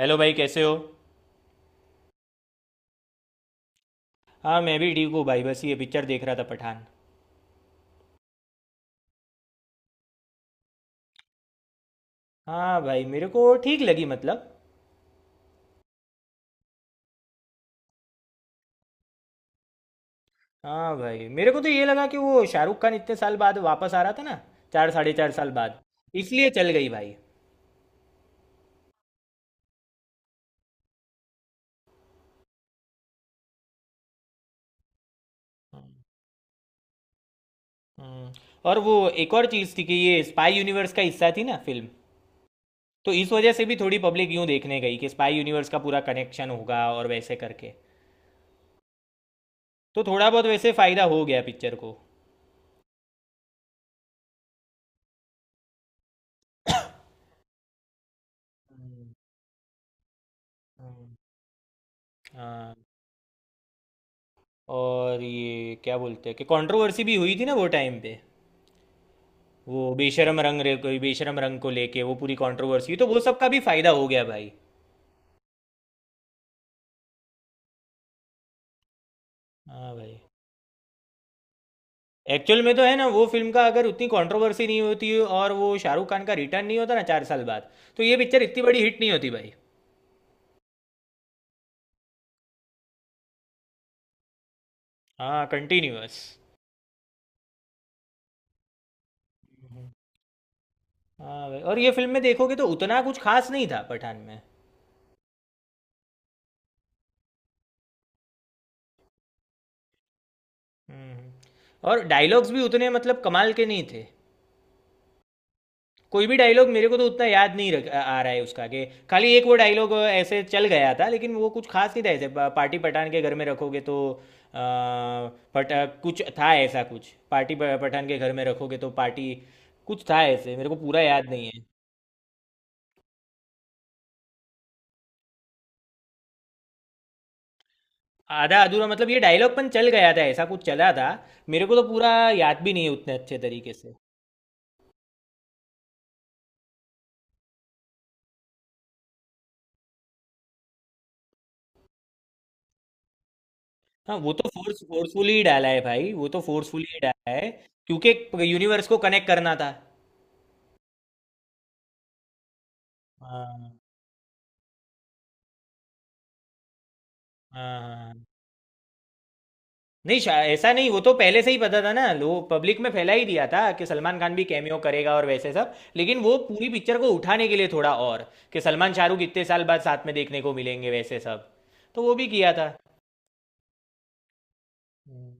Hello भाई, कैसे हो। हाँ, मैं भी ठीक हूँ भाई। बस ये पिक्चर देख रहा था, पठान। हाँ भाई, मेरे को ठीक लगी मतलब। हाँ भाई, मेरे को तो ये लगा कि वो शाहरुख खान इतने साल बाद वापस आ रहा था ना। चार, साढ़े चार साल बाद। इसलिए चल गई भाई। हम्म, और वो एक और चीज़ थी कि ये स्पाई यूनिवर्स का हिस्सा थी ना फिल्म। तो इस वजह से भी थोड़ी पब्लिक यूँ देखने गई कि स्पाई यूनिवर्स का पूरा कनेक्शन होगा और वैसे करके। तो थोड़ा बहुत वैसे फ़ायदा हो गया पिक्चर को। हम्म, हम्म। हाँ, और ये क्या बोलते हैं कि कंट्रोवर्सी भी हुई थी ना वो टाइम पे। वो बेशरम रंग रे, कोई बेशरम रंग को लेके वो पूरी कंट्रोवर्सी हुई, तो वो सब का भी फायदा हो गया भाई। हाँ भाई, एक्चुअल में तो है ना, वो फिल्म का अगर उतनी कंट्रोवर्सी नहीं होती और वो शाहरुख खान का रिटर्न नहीं होता ना चार साल बाद। तो ये पिक्चर इतनी बड़ी हिट नहीं होती भाई। हाँ, कंटिन्यूअस। हाँ भाई, और ये फिल्म में देखोगे तो उतना कुछ खास नहीं था पठान में। हम्म और डायलॉग्स भी उतने मतलब कमाल के नहीं थे। कोई भी डायलॉग मेरे को तो उतना याद नहीं रख आ रहा है उसका कि। खाली एक वो डायलॉग ऐसे चल गया था, लेकिन वो कुछ खास नहीं था, ऐसे पार्टी पठान के घर में रखोगे तो। अ, पट। कुछ था, ऐसा कुछ पार्टी पठान के घर में रखोगे तो पार्टी। कुछ था ऐसे, मेरे को पूरा याद नहीं है। आधा अधूरा मतलब ये डायलॉग पन चल गया था, ऐसा कुछ चला था। मेरे को तो पूरा याद भी नहीं है उतने अच्छे तरीके से। हाँ, वो तो फोर्सफुली ही डाला है भाई, वो तो फोर्सफुली ही डाला है। क्योंकि यूनिवर्स को कनेक्ट करना था। हाँ हाँ हाँ हाँ। नहीं, ऐसा नहीं। वो तो पहले से ही पता था ना, लोग पब्लिक में फैला ही दिया था कि सलमान खान भी कैमियो करेगा और वैसे सब, लेकिन वो पूरी पिक्चर को उठाने के लिए थोड़ा और। कि सलमान शाहरुख इतने साल बाद साथ में देखने को मिलेंगे वैसे सब। तो वो भी किया था। हम्म,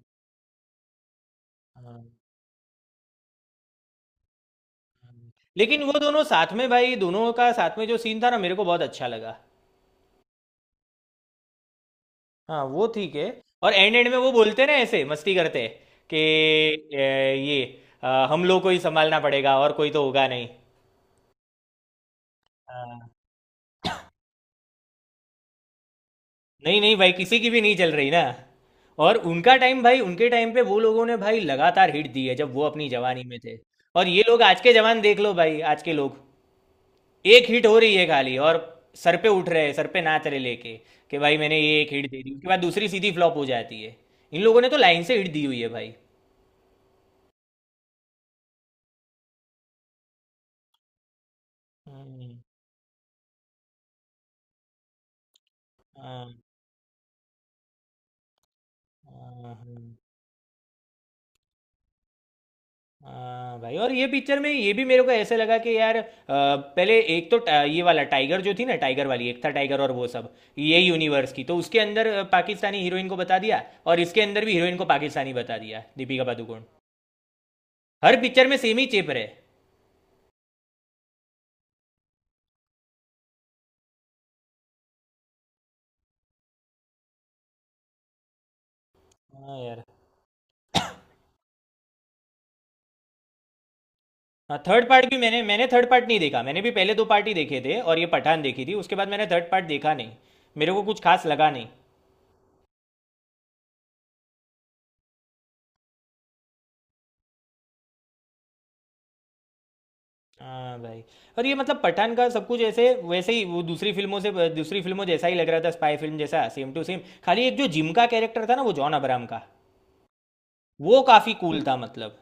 हाँ, लेकिन वो दोनों साथ में भाई, दोनों का साथ में जो सीन था ना मेरे को बहुत अच्छा लगा। हाँ, वो ठीक है। और एंड एंड में वो बोलते ना ऐसे मस्ती करते कि ये हम लोग को ही संभालना पड़ेगा और कोई तो होगा नहीं। नहीं नहीं भाई, किसी की भी नहीं चल रही ना। और उनका टाइम भाई, उनके टाइम पे वो लोगों ने भाई लगातार हिट दी है जब वो अपनी जवानी में थे। और ये लोग आज के जवान देख लो भाई, आज के लोग। एक हिट हो रही है खाली, और सर पे उठ रहे हैं, सर पे नाच रहे लेके कि भाई मैंने ये एक हिट दे दी, उसके बाद दूसरी सीधी फ्लॉप हो जाती है। इन लोगों ने तो लाइन से हिट दी हुई है भाई। हम्म, हाँ, हाँ, हाँ। हाँ भाई, और ये पिक्चर में ये भी मेरे को ऐसे लगा कि यार पहले एक तो ये वाला टाइगर जो थी ना, टाइगर वाली एक था टाइगर और वो सब। ये यूनिवर्स की तो उसके अंदर पाकिस्तानी हीरोइन को बता दिया, और इसके अंदर भी हीरोइन को पाकिस्तानी बता दिया, दीपिका पादुकोण। हर पिक्चर में सेम ही चेप रहे। हाँ यार। हाँ, थर्ड पार्ट भी मैंने मैंने थर्ड पार्ट नहीं देखा। मैंने भी पहले दो पार्ट ही देखे थे और ये पठान देखी थी, उसके बाद मैंने थर्ड पार्ट देखा नहीं। मेरे को कुछ खास लगा नहीं। हाँ भाई, और ये मतलब पठान का सब कुछ ऐसे वैसे ही वो दूसरी फिल्मों जैसा ही लग रहा था, स्पाई फिल्म जैसा सेम टू सेम। खाली एक जो जिम का कैरेक्टर था ना, वो जॉन अब्राहम का, वो काफी कूल था मतलब।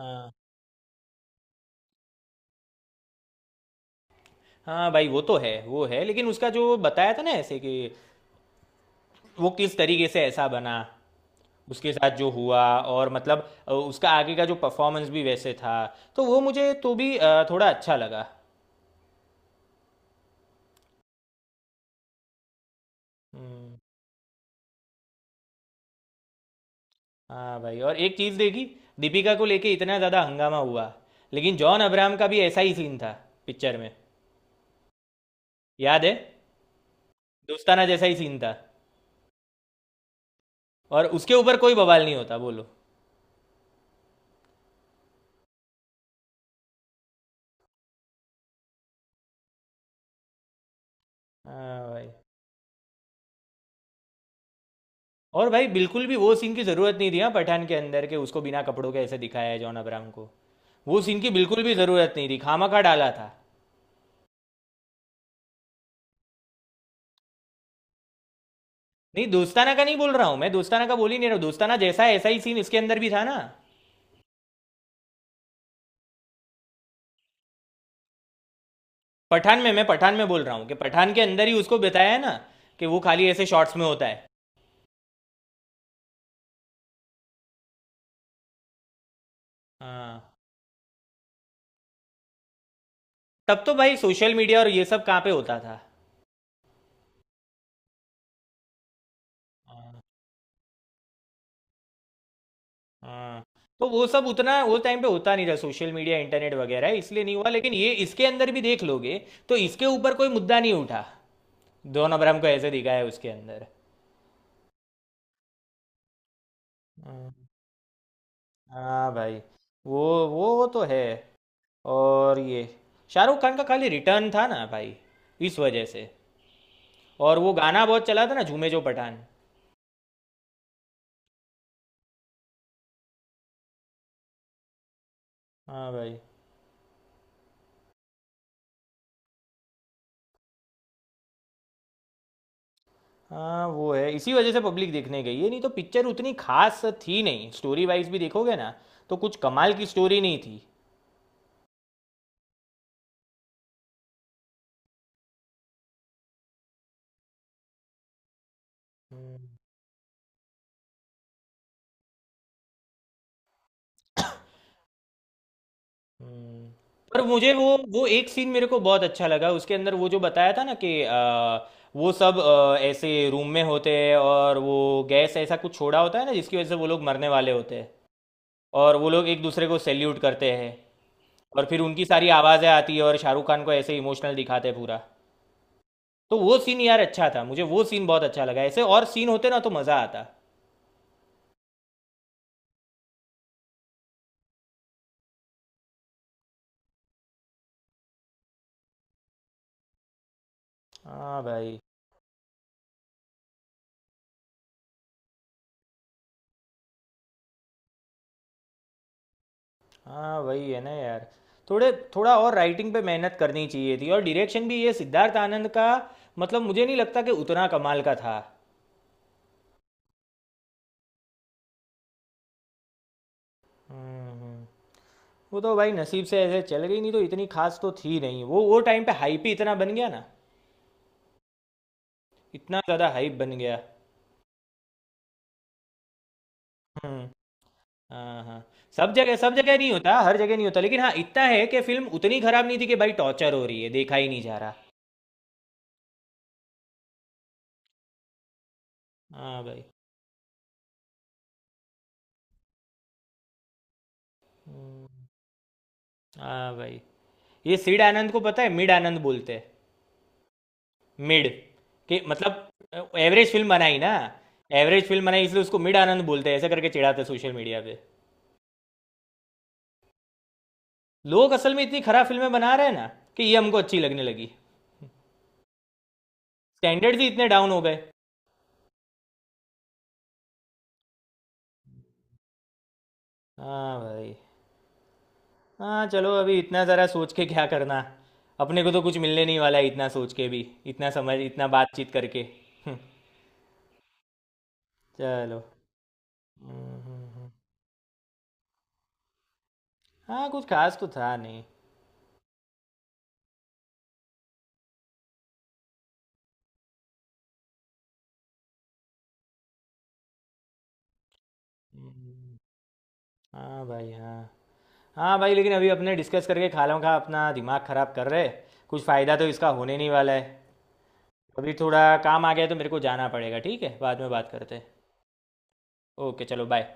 हाँ। हाँ भाई, वो तो है वो है, लेकिन उसका जो बताया था ना ऐसे कि वो किस तरीके से ऐसा बना, उसके साथ जो हुआ, और मतलब उसका आगे का जो परफॉर्मेंस भी वैसे था, तो वो मुझे तो भी थोड़ा अच्छा लगा। हम्म। हाँ भाई, और एक चीज़ देखी। दीपिका को लेके इतना ज़्यादा हंगामा हुआ, लेकिन जॉन अब्राहम का भी ऐसा ही सीन था पिक्चर में। याद है। दोस्ताना जैसा ही सीन था। और उसके ऊपर कोई बवाल नहीं होता बोलो। हाँ भाई, और भाई बिल्कुल भी वो सीन की ज़रूरत नहीं थी। हाँ, पठान के अंदर के उसको बिना कपड़ों के ऐसे दिखाया है जॉन अब्राहम को। वो सीन की बिल्कुल भी ज़रूरत नहीं थी, खामा खा डाला था। नहीं, दोस्ताना का नहीं बोल रहा हूँ मैं, दोस्ताना का बोल ही नहीं रहा हूँ। दोस्ताना जैसा है, ऐसा ही सीन इसके अंदर भी था ना, पठान में। मैं पठान में बोल रहा हूँ कि पठान के अंदर ही उसको बताया है ना कि वो खाली ऐसे शॉर्ट्स में होता है। हाँ, तब तो भाई सोशल मीडिया और ये सब कहाँ पे होता था। हाँ हाँ। तो वो सब उतना वो टाइम पे होता नहीं था, सोशल मीडिया इंटरनेट वगैरह, इसलिए नहीं हुआ। लेकिन ये इसके अंदर भी देख लोगे, तो इसके ऊपर कोई मुद्दा नहीं उठा। दोनों अब्राहम को ऐसे दिखाया है उसके अंदर। हाँ। हाँ भाई, वो तो है। और ये शाहरुख खान का खाली रिटर्न था ना भाई, इस वजह से। और वो गाना बहुत चला था ना, झूमे जो पठान। हाँ भाई। हाँ, वो है इसी वजह से पब्लिक देखने गई है, नहीं तो पिक्चर उतनी खास थी नहीं, स्टोरी वाइज भी देखोगे ना तो कुछ कमाल की स्टोरी नहीं थी। हम्म, हम्म। पर मुझे वो एक सीन मेरे को बहुत अच्छा लगा उसके अंदर, वो जो बताया था ना कि वो सब ऐसे रूम में होते हैं, और वो गैस ऐसा कुछ छोड़ा होता है ना जिसकी वजह से वो लोग मरने वाले होते हैं। और वो लोग एक दूसरे को सैल्यूट करते हैं, और फिर उनकी सारी आवाज़ें आती है और शाहरुख खान को ऐसे इमोशनल दिखाते हैं पूरा। तो वो सीन यार अच्छा था, मुझे वो सीन बहुत अच्छा लगा, ऐसे और सीन होते ना तो मज़ा आता। हाँ भाई। हाँ वही है ना यार। थोड़े, थोड़ा और राइटिंग पे मेहनत करनी चाहिए थी, और डायरेक्शन भी ये सिद्धार्थ आनंद का, मतलब मुझे नहीं लगता कि उतना कमाल का था। हम्म हम्म। वो तो भाई नसीब से ऐसे चल गई, नहीं तो इतनी खास तो थी नहीं, वो टाइम पे हाइप ही इतना बन गया ना, इतना ज़्यादा हाइप बन गया। हम्म। हाँ हाँ। सब जगह, सब जगह नहीं होता, हर जगह नहीं होता। लेकिन हाँ, इतना है कि फिल्म उतनी खराब नहीं थी कि भाई टॉर्चर हो रही है, देखा ही नहीं जा रहा। हाँ भाई। हम्म, हाँ भाई, ये सीड आनंद को पता है मिड आनंद बोलते हैं। मिड के मतलब एवरेज फिल्म बनाई ना। एवरेज फिल्म बनाई इसलिए उसको मिड आनंद बोलते हैं, ऐसा करके चिढ़ाते हैं सोशल मीडिया पे। लोग असल में इतनी खराब फिल्में बना रहे हैं ना कि ये हमको अच्छी लगने लगी। स्टैंडर्ड्स ही इतने डाउन हो गए। हाँ भाई। हाँ चलो, अभी इतना ज़रा सोच के क्या करना। अपने को तो कुछ मिलने नहीं वाला है इतना सोच के भी, इतना समझ, इतना बातचीत करके। हम्म, चलो। हम्म, हम्म, हम्म। हाँ, कुछ खास तो था नहीं। हम्म, हाँ भाई। हाँ। हाँ भाई, लेकिन अभी अपने डिस्कस करके खालों का अपना दिमाग ख़राब कर रहे, कुछ फ़ायदा तो इसका होने नहीं वाला है। अभी थोड़ा काम आ गया है, तो मेरे को जाना पड़ेगा। ठीक है, बाद में बात करते हैं। ओके, चलो, बाय।